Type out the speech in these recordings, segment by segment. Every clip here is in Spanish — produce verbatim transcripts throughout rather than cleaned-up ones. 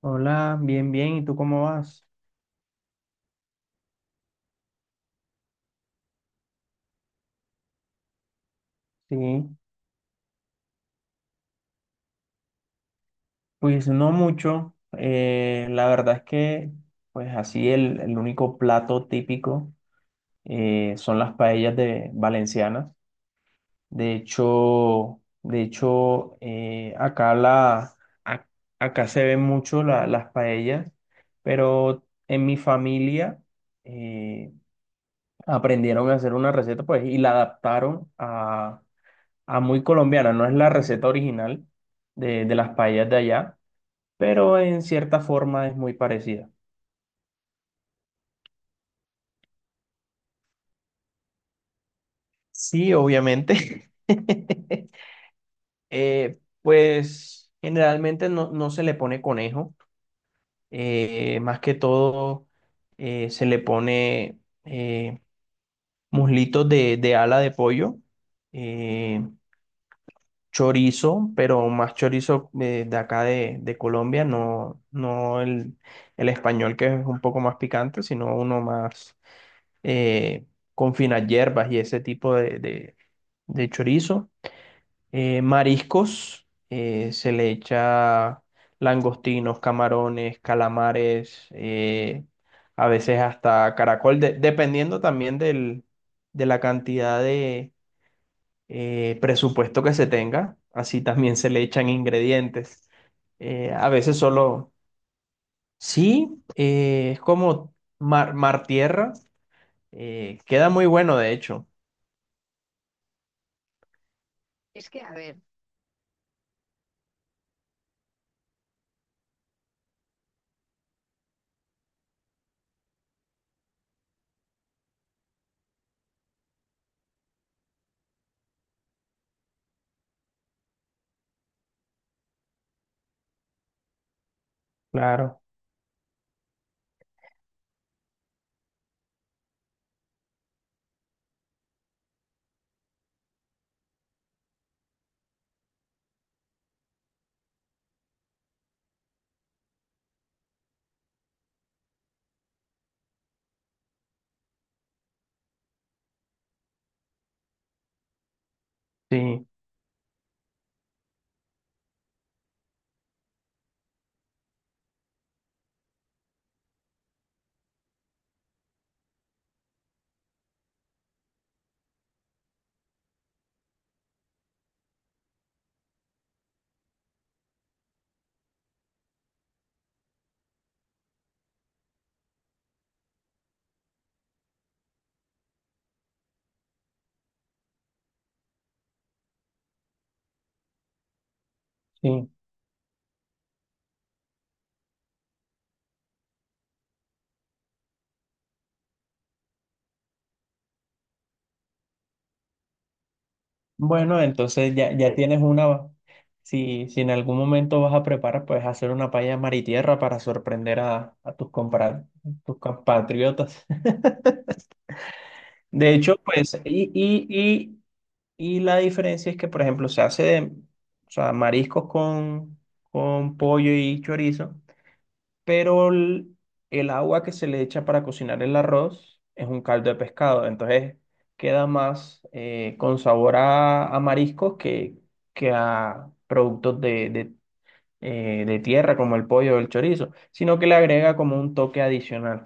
Hola, bien, bien. ¿Y tú cómo vas? Sí, pues no mucho. Eh, la verdad es que, pues así el, el único plato típico eh, son las paellas de valencianas. De hecho, de hecho, eh, acá la, a- acá se ven mucho la- las paellas, pero en mi familia eh, aprendieron a hacer una receta, pues, y la adaptaron ah, muy colombiana, no es la receta original de, de las paellas de allá, pero en cierta forma es muy parecida. Sí, obviamente. Eh, pues generalmente no, no se le pone conejo, eh, más que todo eh, se le pone eh, muslitos de, de ala de pollo, eh, chorizo, pero más chorizo de, de acá de, de Colombia, no, no el, el español que es un poco más picante, sino uno más eh, con finas hierbas y ese tipo de, de- de chorizo. Eh, mariscos, eh, se le echa langostinos, camarones, calamares, eh, a veces hasta caracol, de- dependiendo también del, de la cantidad, eh, presupuesto que se tenga, así también se le echan ingredientes. Eh, a veces solo, sí, eh, es como mar, mar tierra, eh, queda muy bueno de hecho. Claro, sí, sí. Bueno, entonces ya, ya tienes una, si, si en algún momento vas a preparar, pues hacer una paella mar y tierra para sorprender a, a tus, compra- tus compatriotas. De hecho, pues, y, y, y la diferencia es que, por ejemplo, se hace de, o sea, mariscos con, con pollo y chorizo, pero el, el agua que se le echa para cocinar el arroz es un caldo de pescado, entonces queda más eh, con sabor a, a mariscos que, que a productos de, de, eh, de tierra como el pollo o el chorizo, sino que le agrega como un toque adicional.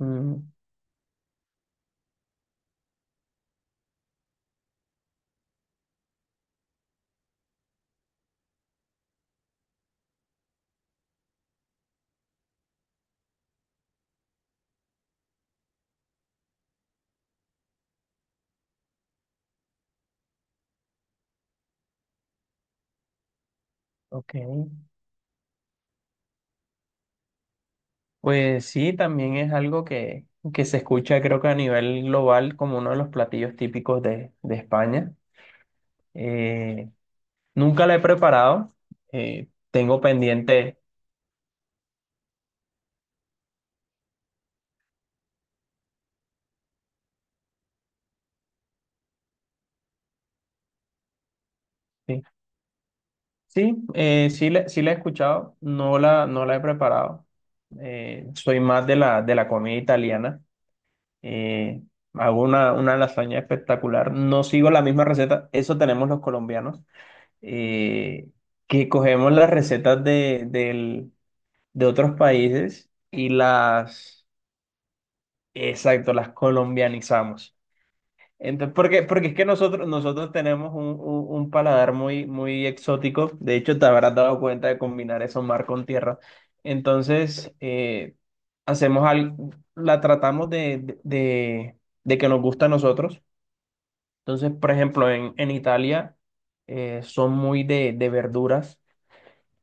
Mm, ok. Pues sí, también es algo que, que se escucha creo que a nivel global como uno de los platillos típicos de, de España. Eh, Nunca la he preparado, eh, tengo pendiente. Sí, sí, eh, sí, la, sí la he escuchado, no la, no la he preparado. Eh, soy más de la, de la comida italiana. eh, Hago una, una lasaña espectacular. No sigo la misma receta, eso tenemos los colombianos. eh, que cogemos las recetas de, del de otros países y las, exacto, las colombianizamos. Entonces, porque, porque es que nosotros, nosotros tenemos un, un- un paladar muy, muy exótico. De hecho, te habrás dado cuenta de combinar eso mar con tierra. Entonces, eh, hacemos al, la tratamos de, de, de- de que nos gusta a nosotros. Entonces, por ejemplo, en, en Italia eh, son muy de, de verduras.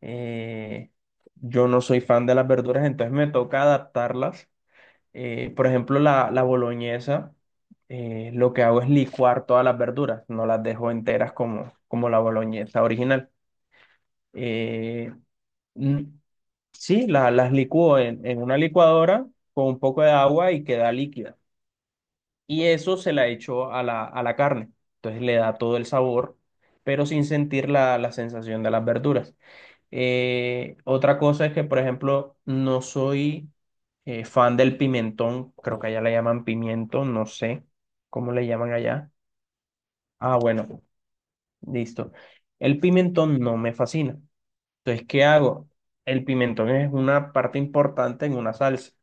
Eh, yo no soy fan de las verduras, entonces me toca adaptarlas. Eh, por ejemplo, la, la boloñesa, eh, lo que hago es licuar todas las verduras, no las dejo enteras como, como la boloñesa original. Eh, mm, sí, la- las licúo en, en una licuadora con un poco de agua y queda líquida. Y eso se la echo a la, a la carne. Entonces le da todo el sabor, pero sin sentir la, la sensación de las verduras. Eh, otra cosa es que, por ejemplo, no soy eh, fan del pimentón, creo que allá le llaman pimiento, no sé cómo le llaman allá. Ah, bueno, listo. El pimentón no me fascina. Entonces, ¿qué hago? El pimentón es una parte importante en una salsa.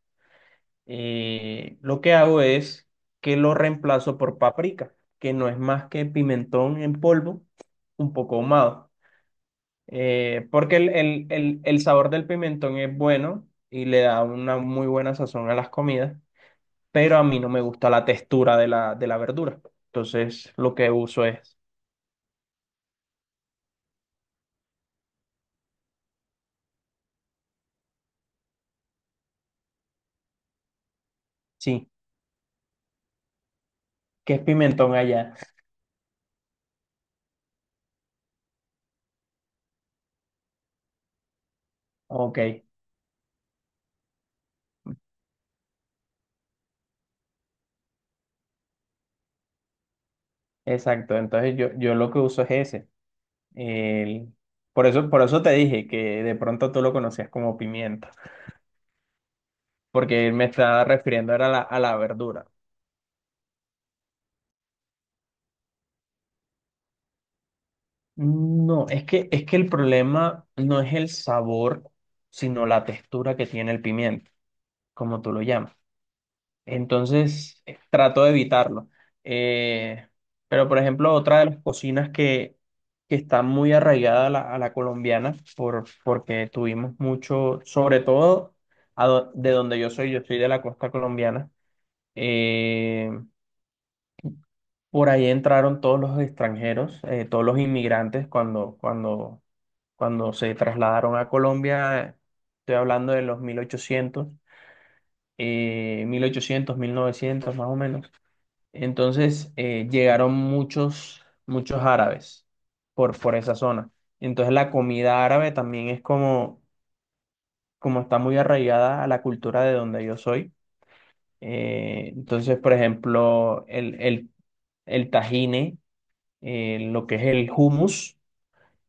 Eh, lo que hago es que lo reemplazo por paprika, que no es más que pimentón en polvo, un poco ahumado. Eh, porque el, el, el, el sabor del pimentón es bueno y le da una muy buena sazón a las comidas, pero a mí no me gusta la textura de la, de la verdura. Entonces, lo que uso es, sí, ¿qué es pimentón allá? Ok, exacto. Entonces, yo, yo lo que uso es ese. El- por eso, por eso te dije que de pronto tú lo conocías como pimienta, porque me estaba refiriendo era a la, a la verdura. No, es que, es que el problema no es el sabor, sino la textura que tiene el pimiento, como tú lo llamas. Entonces, eh, trato de evitarlo. Eh, pero, por ejemplo, otra de las cocinas que, que está muy arraigada a la, a la colombiana, por, porque tuvimos mucho, sobre todo a do- de donde yo soy, yo soy de la costa colombiana. eh, por ahí entraron todos los extranjeros, eh, todos los inmigrantes cuando, cuando, cuando se trasladaron a Colombia. Estoy hablando de los mil ochocientos, eh, mil ochocientos, mil novecientos más o menos. Entonces eh, llegaron muchos, muchos árabes por, por esa zona. Entonces la comida árabe también es como, como está muy arraigada a la cultura de donde yo soy. Eh, entonces, por ejemplo, el, el, el tajine. Eh, lo que es el hummus.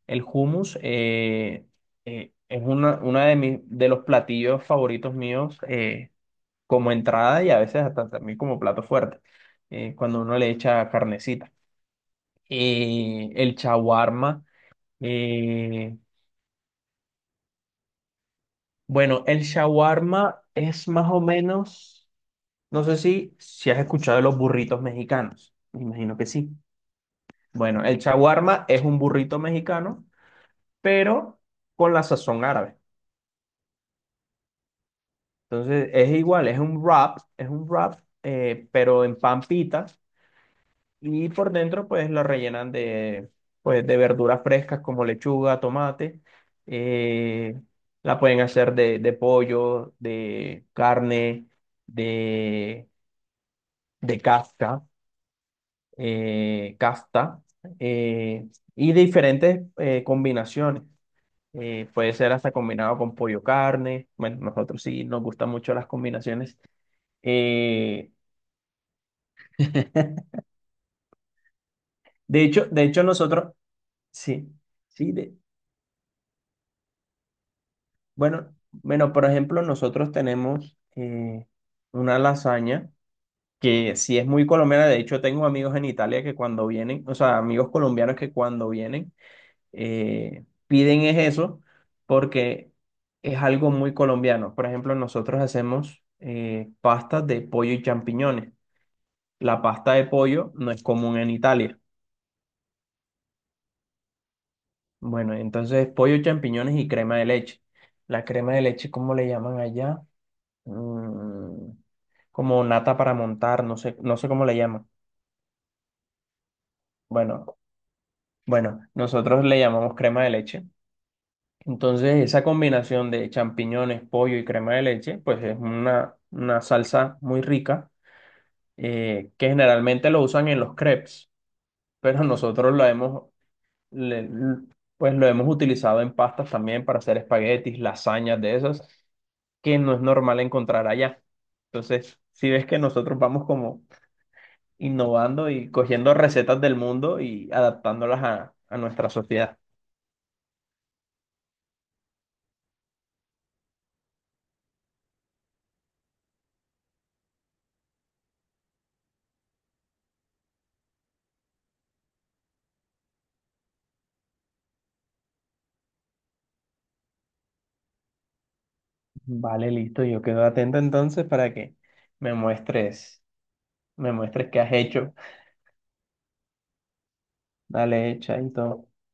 El hummus eh, eh, es una, una de mis, de los platillos favoritos míos, eh, como entrada y a veces hasta también como plato fuerte, eh, cuando uno le echa carnecita. Eh, el shawarma. eh, bueno, el shawarma es más o menos, no sé si, si has escuchado de los burritos mexicanos. Me imagino que sí. Bueno, el shawarma es un burrito mexicano, pero con la sazón árabe. Entonces es igual, es un wrap, es un wrap, eh, pero en pan pita y por dentro pues lo rellenan de, pues, de verduras frescas como lechuga, tomate. eh, la pueden hacer de, de pollo, de carne, de, de casca, eh, casta, eh, y diferentes eh, combinaciones. Eh, puede ser hasta combinado con pollo carne. Bueno, nosotros sí nos gustan mucho las combinaciones. Eh, De hecho, de hecho nosotros, sí, sí, de- bueno, bueno, por ejemplo, nosotros tenemos eh, una lasaña que sí es muy colombiana, de hecho tengo amigos en Italia que cuando vienen, o sea, amigos colombianos que cuando vienen eh, piden es eso porque es algo muy colombiano. Por ejemplo, nosotros hacemos eh, pastas de pollo y champiñones. La pasta de pollo no es común en Italia. Bueno, entonces pollo, champiñones y crema de leche. La crema de leche, ¿cómo le llaman allá? Mm, como nata para montar, no sé, no sé cómo le llaman. Bueno, bueno, nosotros le llamamos crema de leche. Entonces, esa combinación de champiñones, pollo y crema de leche, pues es una, una salsa muy rica, eh, que generalmente lo usan en los crepes, pero nosotros lo hemos, le- pues lo hemos utilizado en pastas también para hacer espaguetis, lasañas de esas. Que no es normal encontrar allá. Entonces, si ves que nosotros vamos como innovando y cogiendo recetas del mundo y adaptándolas a, a nuestra sociedad. Vale, listo, yo quedo atento entonces para que me muestres, me muestres qué has hecho. Dale, chaito.